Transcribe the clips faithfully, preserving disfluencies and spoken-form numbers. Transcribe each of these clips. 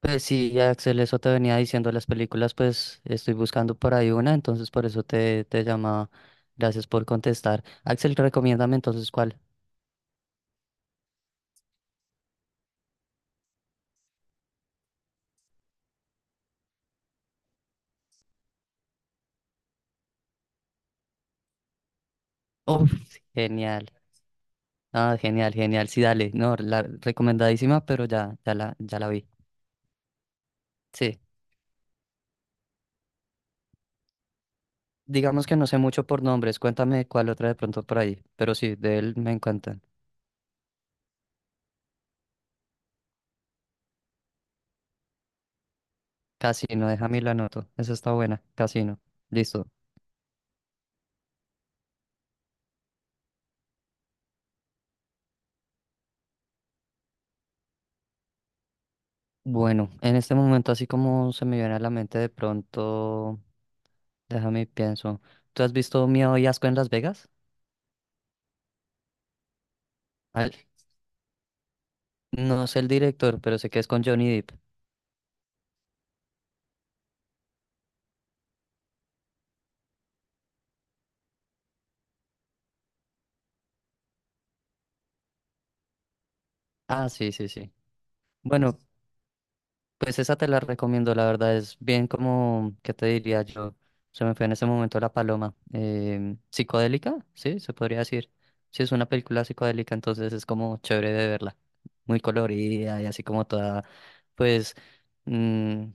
Pues sí, Axel, eso te venía diciendo las películas, pues estoy buscando por ahí una, entonces por eso te, te llamaba. Gracias por contestar. Axel, recomiéndame entonces cuál. Uf, genial. Ah, genial, genial. Sí, dale. No, la recomendadísima, pero ya, ya la, ya la vi. Sí. Digamos que no sé mucho por nombres. Cuéntame cuál otra de pronto por ahí. Pero sí, de él me encantan. Casino, déjame y la anoto. Esa está buena. Casino. Listo. Bueno, en este momento así como se me viene a la mente de pronto. Déjame pienso. ¿Tú has visto Miedo y Asco en Las Vegas? Al- No sé el director, pero sé que es con Johnny Depp. Ah, sí, sí, sí. Bueno, pues esa te la recomiendo, la verdad es bien como, ¿qué te diría yo? Se me fue en ese momento la paloma. Em, psicodélica, sí, se podría decir. Sí, es una película psicodélica, entonces es como chévere de verla. Muy colorida y así como toda, pues, mm,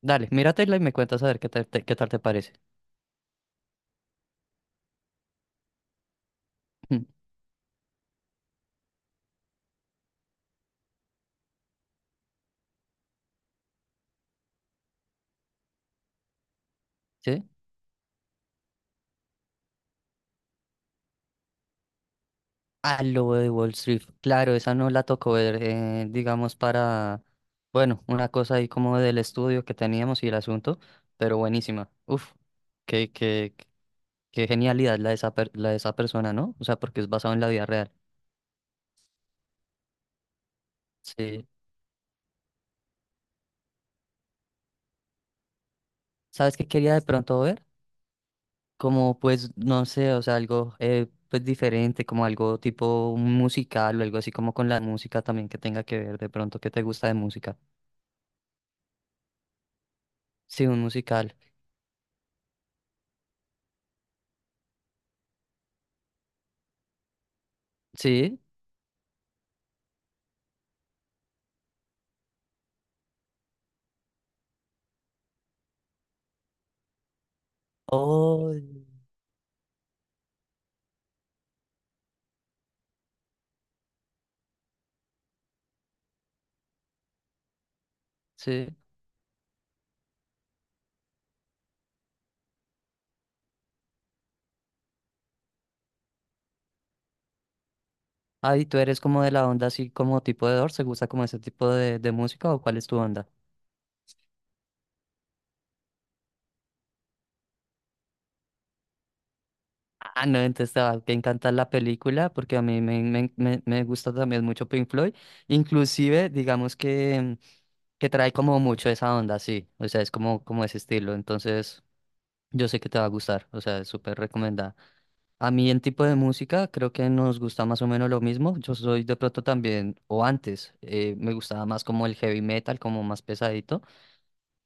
dale, míratela y me cuentas a ver qué tal te, qué tal te parece. ¿Sí? Al lobo de Wall Street. Claro, esa no la tocó ver, eh, digamos, para, bueno, una cosa ahí como del estudio que teníamos y el asunto, pero buenísima. Uf, qué, qué, qué genialidad la de esa, per- la de esa persona, ¿no? O sea, porque es basado en la vida real. Sí. ¿Sabes qué quería de pronto ver? Como, pues, no sé, o sea, algo, eh, pues, diferente, como algo tipo musical o algo así como con la música también que tenga que ver de pronto qué te gusta de música. Sí, un musical. Sí. Oh, sí. Ah, ¿y tú eres como de la onda así como tipo de Doors? ¿Te gusta como ese tipo de, de música o cuál es tu onda? Ah, no, entonces te va a encantar la película porque a mí me, me, me, me gusta también mucho Pink Floyd. Inclusive, digamos que, que trae como mucho esa onda, sí. O sea, es como, como ese estilo. Entonces, yo sé que te va a gustar. O sea, es súper recomendada. A mí en tipo de música creo que nos gusta más o menos lo mismo. Yo soy de pronto también, o antes, eh, me gustaba más como el heavy metal, como más pesadito.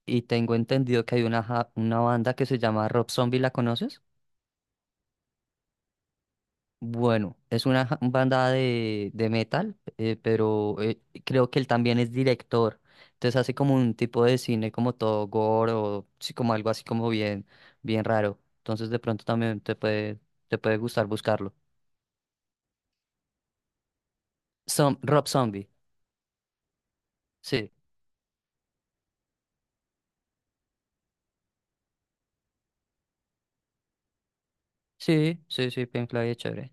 Y tengo entendido que hay una, ja- una banda que se llama Rob Zombie, ¿la conoces? Bueno, es una ja- banda de, de metal, eh, pero eh, creo que él también es director. Entonces hace como un tipo de cine como todo gore o sí, como algo así como bien, bien raro. Entonces de pronto también te puede, te puede gustar buscarlo. Som- Rob Zombie, sí. Sí, sí, sí, Pink Floyd es chévere.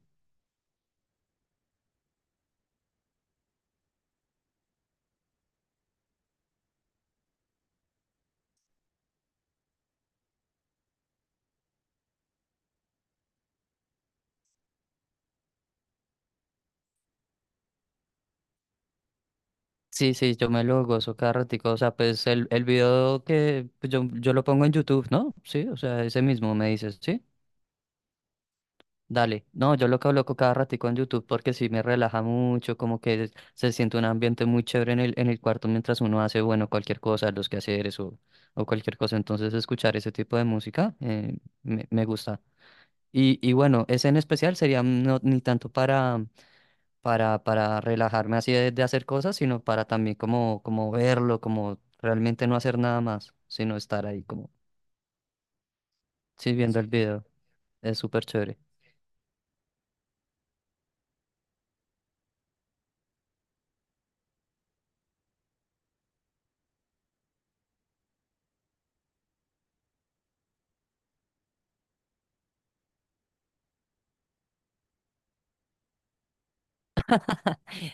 Sí, sí, yo me lo gozo cada ratico. O sea, pues el, el video que pues, yo, yo lo pongo en YouTube, ¿no? Sí, o sea, ese mismo me dices, ¿sí? Dale. No, yo lo coloco cada ratico en YouTube porque sí me relaja mucho, como que se siente un ambiente muy chévere en el, en el cuarto mientras uno hace, bueno, cualquier cosa, los quehaceres o, o cualquier cosa. Entonces, escuchar ese tipo de música eh, me, me gusta. Y, y bueno, ese en especial sería no, ni tanto para para, para relajarme así de, de hacer cosas, sino para también como, como verlo, como realmente no hacer nada más, sino estar ahí como, sí, viendo el video. Es súper chévere.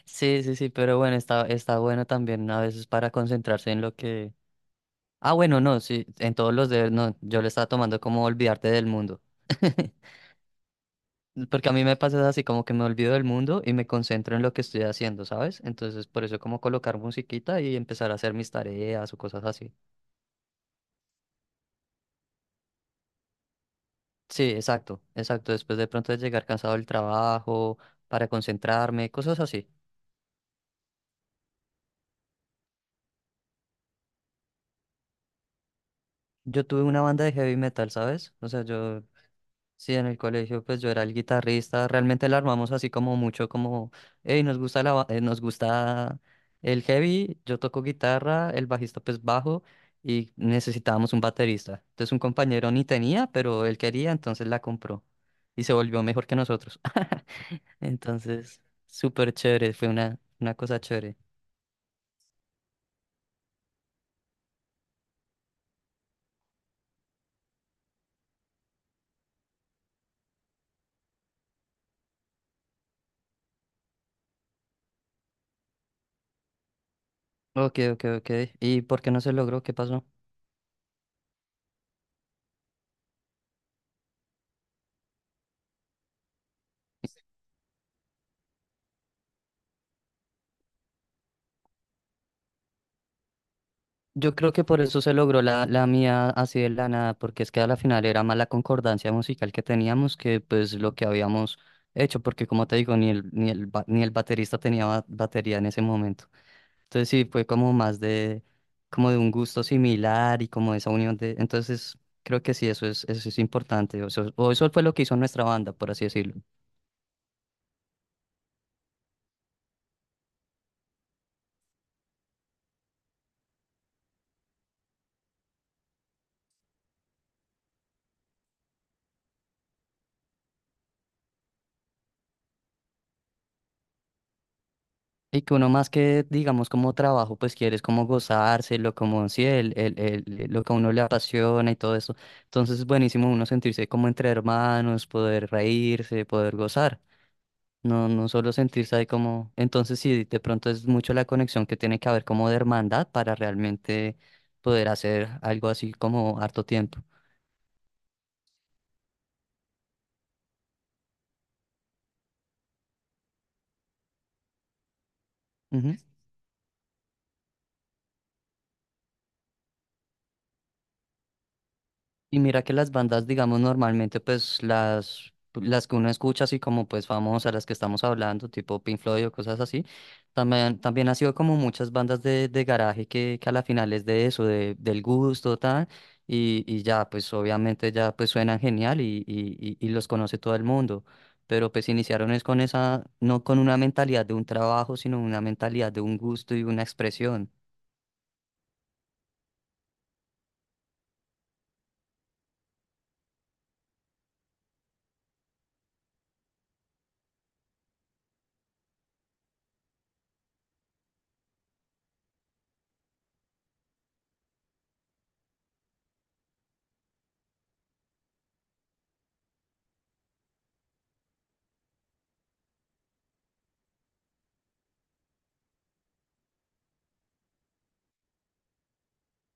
Sí, sí, sí, pero bueno, está, está bueno también a veces para concentrarse en lo que... Ah, bueno, no, sí, en todos los deberes, no, yo le estaba tomando como olvidarte del mundo. Porque a mí me pasa así como que me olvido del mundo y me concentro en lo que estoy haciendo, ¿sabes? Entonces, por eso como colocar musiquita y empezar a hacer mis tareas o cosas así. Sí, exacto, exacto. Después de pronto de llegar cansado del trabajo, para concentrarme, cosas así. Yo tuve una banda de heavy metal, ¿sabes? O sea, yo, sí, en el colegio, pues yo era el guitarrista. Realmente la armamos así como mucho, como, hey, nos gusta la, ba- eh, nos gusta el heavy, yo toco guitarra, el bajista pues bajo y necesitábamos un baterista. Entonces un compañero ni tenía, pero él quería, entonces la compró y se volvió mejor que nosotros. Entonces, súper chévere, fue una, una cosa chévere. Ok, ok, ok. ¿Y por qué no se logró? ¿Qué pasó? Yo creo que por eso se logró la, la mía así de la nada, porque es que a la final era más la concordancia musical que teníamos que pues lo que habíamos hecho, porque como te digo, ni el, ni el, ba- ni el baterista tenía ba- batería en ese momento. Entonces sí, fue como más de, como de un gusto similar y como esa unión de, entonces creo que sí, eso es, eso es importante, o eso, o eso fue lo que hizo nuestra banda, por así decirlo. Y que uno más que, digamos, como trabajo, pues quieres como gozárselo, como sí, el, el, el- lo que a uno le apasiona y todo eso. Entonces es buenísimo uno sentirse como entre hermanos, poder reírse, poder gozar. No, no solo sentirse ahí como... Entonces sí, de pronto es mucho la conexión que tiene que haber como de hermandad para realmente poder hacer algo así como harto tiempo. Y mira que las bandas, digamos, normalmente, pues las, las que uno escucha, así como pues famosas, las que estamos hablando, tipo Pink Floyd o cosas así, también, también ha sido como muchas bandas de, de garaje que, que a la final es de eso, de, del gusto, tal, y, y ya, pues obviamente ya pues suenan genial y, y, y, y los conoce todo el mundo. Pero pues iniciaron es con esa, no con una mentalidad de un trabajo, sino una mentalidad de un gusto y una expresión.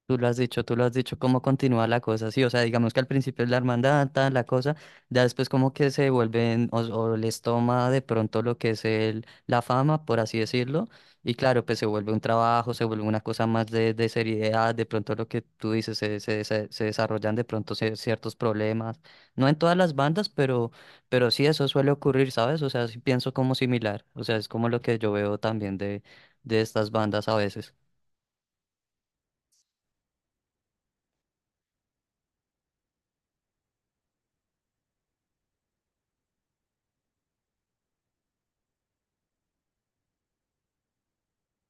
Tú lo has dicho, tú lo has dicho, cómo continúa la cosa, sí, o sea, digamos que al principio es la hermandad, tal, la cosa, ya después como que se vuelven o, o, les toma de pronto lo que es el, la fama, por así decirlo, y claro, pues se vuelve un trabajo, se vuelve una cosa más de, de seriedad, de pronto lo que tú dices, se, se, se- se desarrollan de pronto cier- ciertos problemas, no en todas las bandas, pero, pero sí eso suele ocurrir, ¿sabes? O sea, sí pienso como similar, o sea, es como lo que yo veo también de, de estas bandas a veces.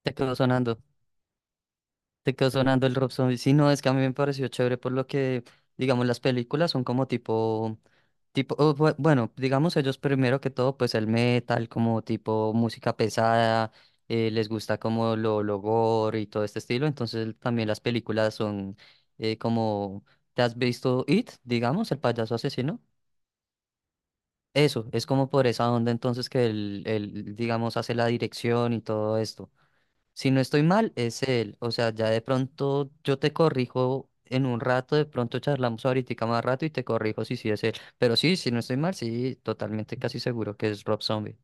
Te quedó sonando. Te quedó sonando el Rob Zombie. Sí, no, es que a mí me pareció chévere por lo que, digamos, las películas son como tipo, tipo, o bue- bueno, digamos ellos primero que todo, pues el metal, como tipo música pesada, eh, les gusta como lo, lo gore y todo este estilo, entonces también las películas son eh, como, ¿te has visto It, digamos, el payaso asesino? Eso, es como por esa onda entonces que él, él, digamos, hace la dirección y todo esto. Si no estoy mal, es él. O sea, ya de pronto yo te corrijo en un rato, de pronto charlamos ahorita más rato y te corrijo si sí es él. Pero sí, si no estoy mal, sí, totalmente casi seguro que es Rob Zombie.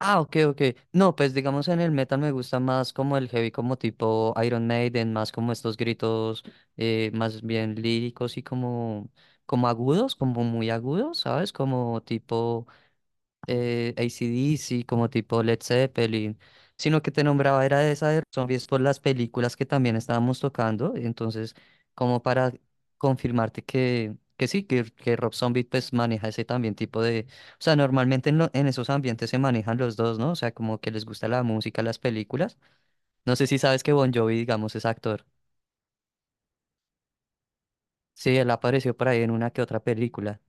Ah, ok, ok. No, pues digamos en el metal me gusta más como el heavy, como tipo Iron Maiden, más como estos gritos eh, más bien líricos y como, como agudos, como muy agudos, ¿sabes? Como tipo... eh, A C/D C, como tipo Led Zeppelin, sino que te nombraba era de esa de zombies por las películas que también estábamos tocando, entonces como para confirmarte que, que sí, que, que Rob Zombie pues maneja ese también tipo de, o sea, normalmente en, lo- en esos ambientes se manejan los dos, ¿no? O sea, como que les gusta la música, las películas. No sé si sabes que Bon Jovi, digamos, es actor. Sí, él apareció por ahí en una que otra película.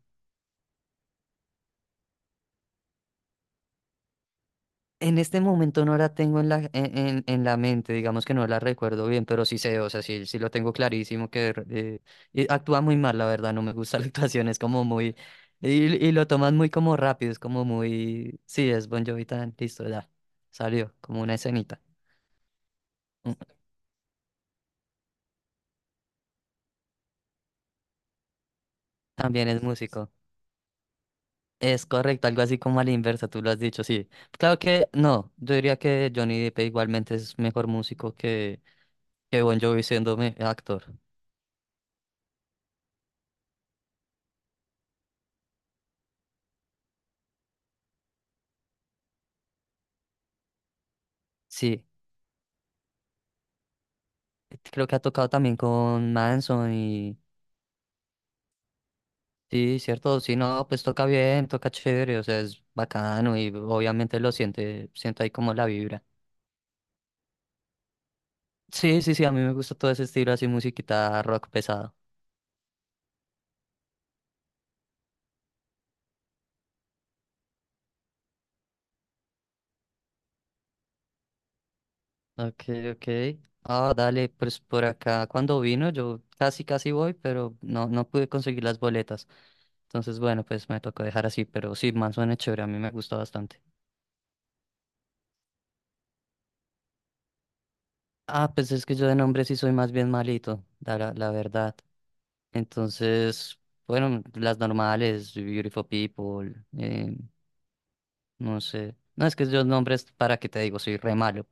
En este momento no la tengo en la, en, en- en la mente, digamos que no la recuerdo bien, pero sí sé, o sea, sí, sí lo tengo clarísimo que eh, y actúa muy mal, la verdad, no me gusta la actuación, es como muy, y, y lo toman muy como rápido, es como muy, sí, es Bon Jovi tan, listo, ya, salió, como una escenita. Mm, también es músico, es correcto, algo así como a la inversa, tú lo has dicho, sí. Claro que no, yo diría que Johnny Depp igualmente es mejor músico que, que, Bon Jovi siendo me- actor, sí. Creo que ha tocado también con Manson y sí, cierto, sí, no, pues toca bien, toca chévere, o sea, es bacano y obviamente lo siente, siento ahí como la vibra. Sí, sí, sí, a mí me gusta todo ese estilo así, musiquita rock pesado. Ok, ok. Ah, dale, pues por acá cuando vino yo casi casi voy, pero no, no pude conseguir las boletas. Entonces, bueno, pues me tocó dejar así, pero sí, Manson es chévere, a mí me gustó bastante. Ah, pues es que yo de nombre sí soy más bien malito, la, la verdad. Entonces, bueno, las normales, Beautiful People, eh, no sé. No, es que yo nombres, para qué te digo, soy re malo.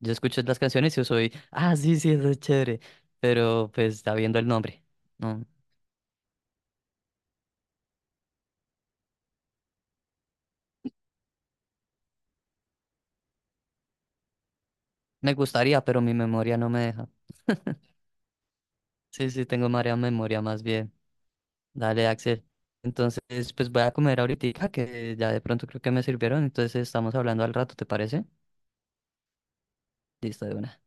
Yo escucho las canciones y yo soy, ah, sí, sí, eso es chévere. Pero pues está viendo el nombre. No, me gustaría, pero mi memoria no me deja. Sí, sí, tengo marea memoria más bien. Dale, Axel. Entonces, pues voy a comer ahorita, que ya de pronto creo que me sirvieron. Entonces, estamos hablando al rato, ¿te parece? Listo, de una.